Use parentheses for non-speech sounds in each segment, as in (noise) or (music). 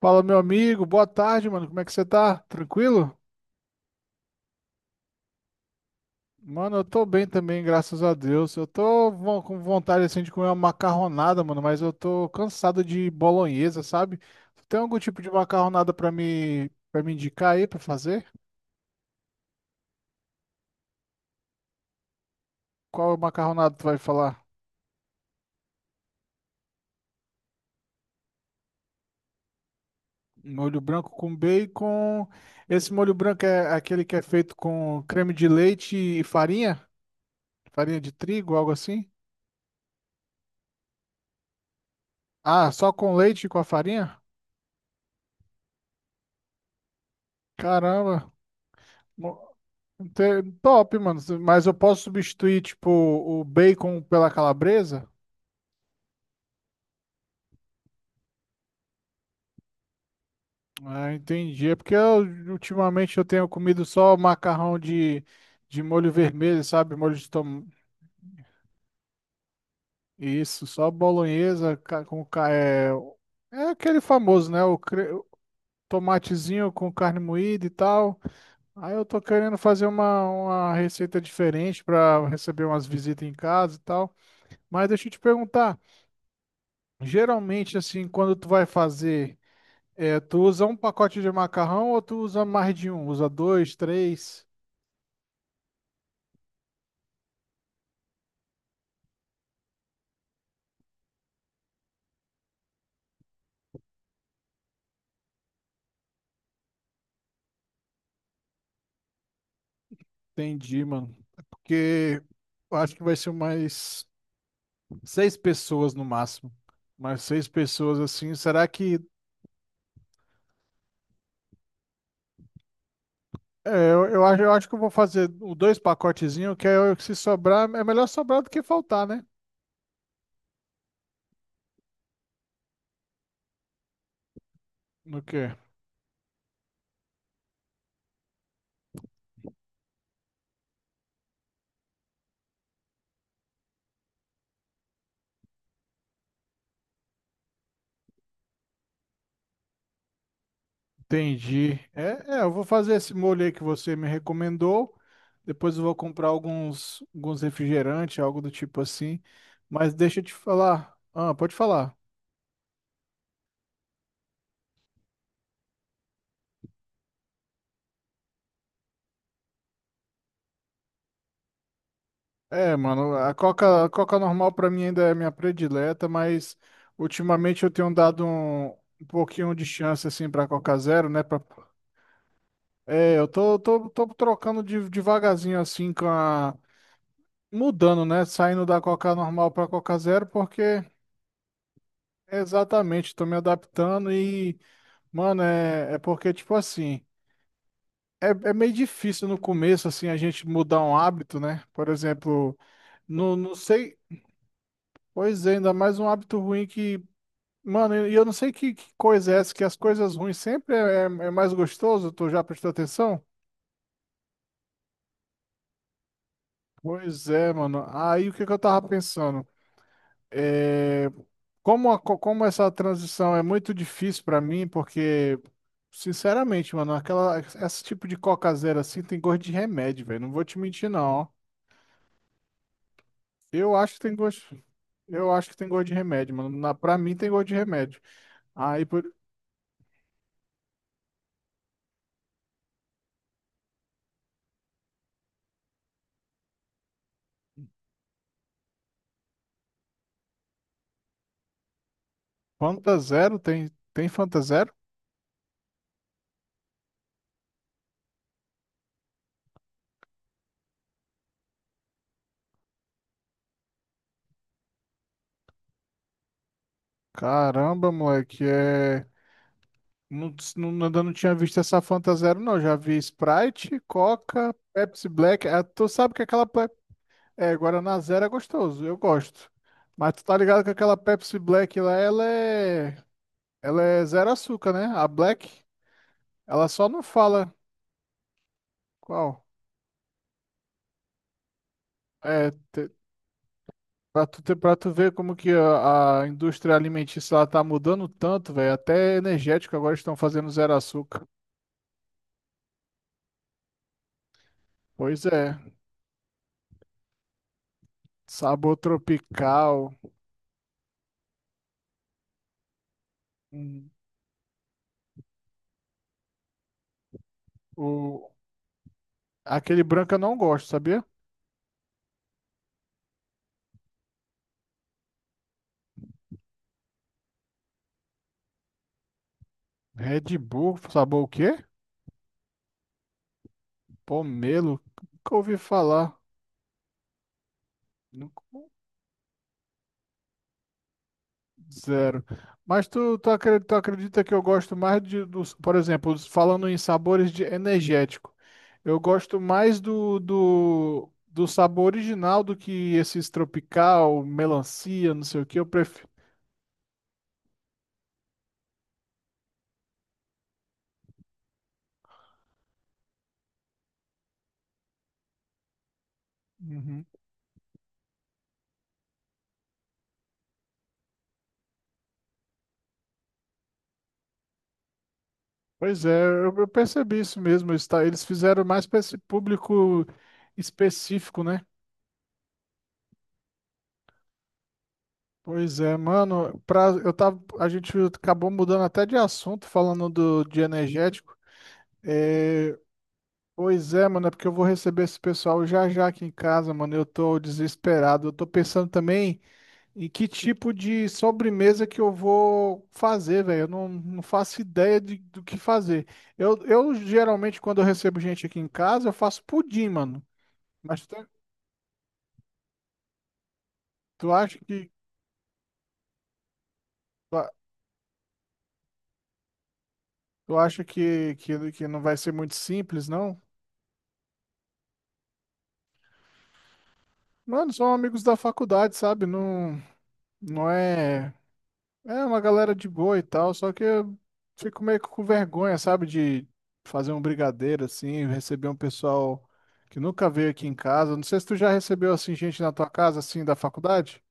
Fala, meu amigo, boa tarde, mano. Como é que você tá? Tranquilo? Mano, eu tô bem também, graças a Deus. Eu tô com vontade assim de comer uma macarronada, mano, mas eu tô cansado de bolonhesa, sabe? Tu tem algum tipo de macarronada pra me para me indicar aí pra fazer? Qual macarronada tu vai falar? Molho branco com bacon. Esse molho branco é aquele que é feito com creme de leite e farinha? Farinha de trigo, algo assim? Ah, só com leite e com a farinha? Caramba. Top, mano. Mas eu posso substituir, tipo, o bacon pela calabresa? Ah, entendi. É porque ultimamente eu tenho comido só macarrão de molho vermelho, sabe? Molho de tomate. Isso, só bolonhesa é, é aquele famoso, né? O tomatezinho com carne moída e tal. Aí eu tô querendo fazer uma receita diferente para receber umas visitas em casa e tal. Mas deixa eu te perguntar, geralmente assim, quando tu vai fazer é, tu usa um pacote de macarrão ou tu usa mais de um? Usa dois, três? Entendi, mano. Porque eu acho que vai ser mais seis pessoas no máximo. Mais seis pessoas assim. Será que. Eu acho que eu vou fazer o dois pacotezinhos, se sobrar, é melhor sobrar do que faltar, né? No quê? Entendi. Eu vou fazer esse molho aí que você me recomendou. Depois eu vou comprar alguns refrigerantes, algo do tipo assim. Mas deixa eu te falar. Ah, pode falar. É, mano, a Coca normal pra mim ainda é minha predileta, mas ultimamente eu tenho dado um pouquinho de chance assim pra Coca Zero, né? Pra, é, eu tô trocando devagarzinho assim com a. Mudando, né? Saindo da Coca normal pra Coca Zero, porque. Exatamente, tô me adaptando e, mano, é porque, tipo assim, é meio difícil no começo, assim, a gente mudar um hábito, né? Por exemplo, não sei, pois é, ainda mais um hábito ruim que, mano, e eu não sei que coisa é essa, que as coisas ruins sempre é mais gostoso, tu já prestou atenção? Pois é, mano, aí o que que eu tava pensando? É, como, como essa transição é muito difícil para mim, porque, sinceramente, mano, esse tipo de cocazeira assim tem gosto de remédio, velho. Não vou te mentir, não. Ó. Eu acho que tem gosto. Eu acho que tem gosto de remédio, mano. Pra mim tem gosto de remédio. Aí, por, Fanta Zero? Tem, tem Fanta Zero? Caramba, moleque, é. Não, não, ainda não tinha visto essa Fanta Zero, não. Já vi Sprite, Coca, Pepsi Black. Ah, tu sabe que aquela. É, Guaraná Zero é gostoso, eu gosto. Mas tu tá ligado que aquela Pepsi Black lá, ela é. Ela é zero açúcar, né? A Black, ela só não fala qual. É, pra tu ver como que a indústria alimentícia ela tá mudando tanto, velho. Até energético agora estão fazendo zero açúcar. Pois é, sabor tropical. Hum, o aquele branco eu não gosto, sabia? Red Bull, sabor o quê? Pomelo, nunca ouvi falar. Nunca- Zero. Tu acredita que eu gosto mais por exemplo, falando em sabores de energético, eu gosto mais do sabor original do que esses tropical, melancia, não sei o que, eu prefiro. Uhum. Pois é, eu percebi isso mesmo. Eles fizeram mais para esse público específico, né? Pois é, mano, pra, eu tava, a gente acabou mudando até de assunto, falando do, de energético. É, pois é, mano, é porque eu vou receber esse pessoal já já aqui em casa, mano. Eu tô desesperado. Eu tô pensando também em que tipo de sobremesa que eu vou fazer, velho. Eu não faço ideia de, do que fazer. Eu geralmente, quando eu recebo gente aqui em casa, eu faço pudim, mano. Mas tu, tu acha que, tu acha que não vai ser muito simples, não? Mano, são amigos da faculdade, sabe? Não, não é. É uma galera de boa e tal, só que eu fico meio que com vergonha, sabe? De fazer um brigadeiro assim, receber um pessoal que nunca veio aqui em casa. Não sei se tu já recebeu assim gente na tua casa, assim, da faculdade.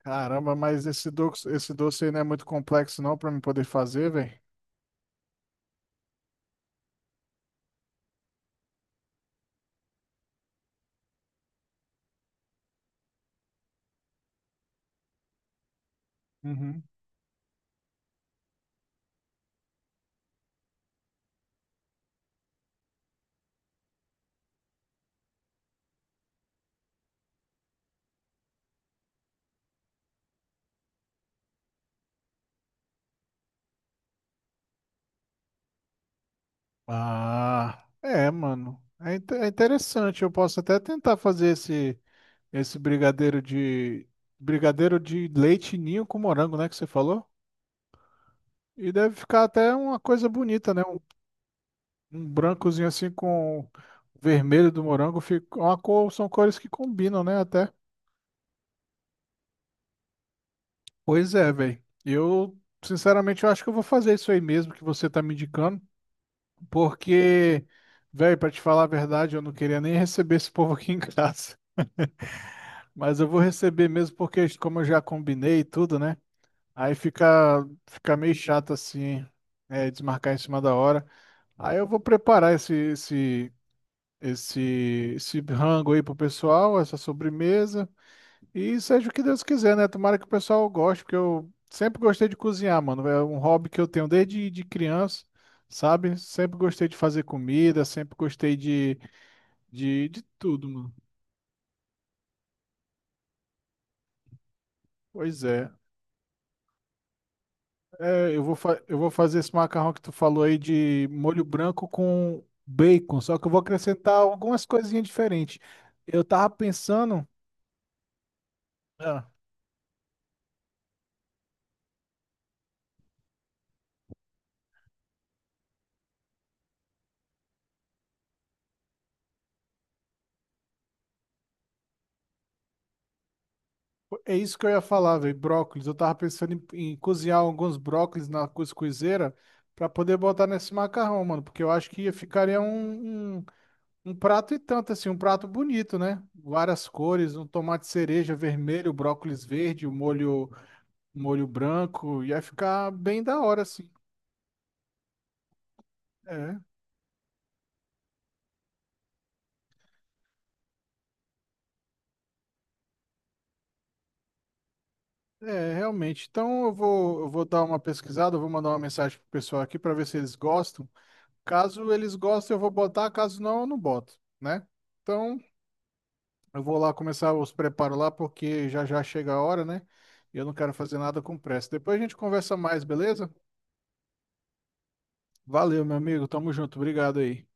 Caramba, mas esse doce aí não é muito complexo não pra mim poder fazer, velho. Uhum. Ah, é, mano. É interessante. Eu posso até tentar fazer esse. Esse brigadeiro de. Brigadeiro de leite ninho com morango, né? Que você falou? E deve ficar até uma coisa bonita, né? Um brancozinho assim com o vermelho do morango. Fica uma cor, são cores que combinam, né? Até. Pois é, velho. Eu, sinceramente, eu acho que eu vou fazer isso aí mesmo que você tá me indicando. Porque, velho, pra te falar a verdade, eu não queria nem receber esse povo aqui em (laughs) casa. Mas eu vou receber mesmo porque, como eu já combinei e tudo, né? Aí fica, fica meio chato assim, é, desmarcar em cima da hora. Aí eu vou preparar esse, esse rango aí pro pessoal, essa sobremesa. E seja o que Deus quiser, né? Tomara que o pessoal goste, porque eu sempre gostei de cozinhar, mano. É um hobby que eu tenho desde de criança, sabe? Sempre gostei de fazer comida, sempre gostei de tudo, mano. Pois é. Eu vou, eu vou fazer esse macarrão que tu falou aí de molho branco com bacon, só que eu vou acrescentar algumas coisinhas diferentes. Eu tava pensando, ah, é isso que eu ia falar, velho, brócolis. Eu tava pensando em cozinhar alguns brócolis na cuscuzeira pra poder botar nesse macarrão, mano, porque eu acho que ia ficaria um prato e tanto, assim, um prato bonito, né? Várias cores, um tomate cereja vermelho, brócolis verde, o molho, molho branco, ia ficar bem da hora, assim. É. É, realmente. Então eu vou dar uma pesquisada, eu vou mandar uma mensagem pro pessoal aqui para ver se eles gostam. Caso eles gostem, eu vou botar, caso não, eu não boto, né? Então eu vou lá começar os preparos lá, porque já já chega a hora, né? E eu não quero fazer nada com pressa. Depois a gente conversa mais, beleza? Valeu, meu amigo. Tamo junto. Obrigado aí.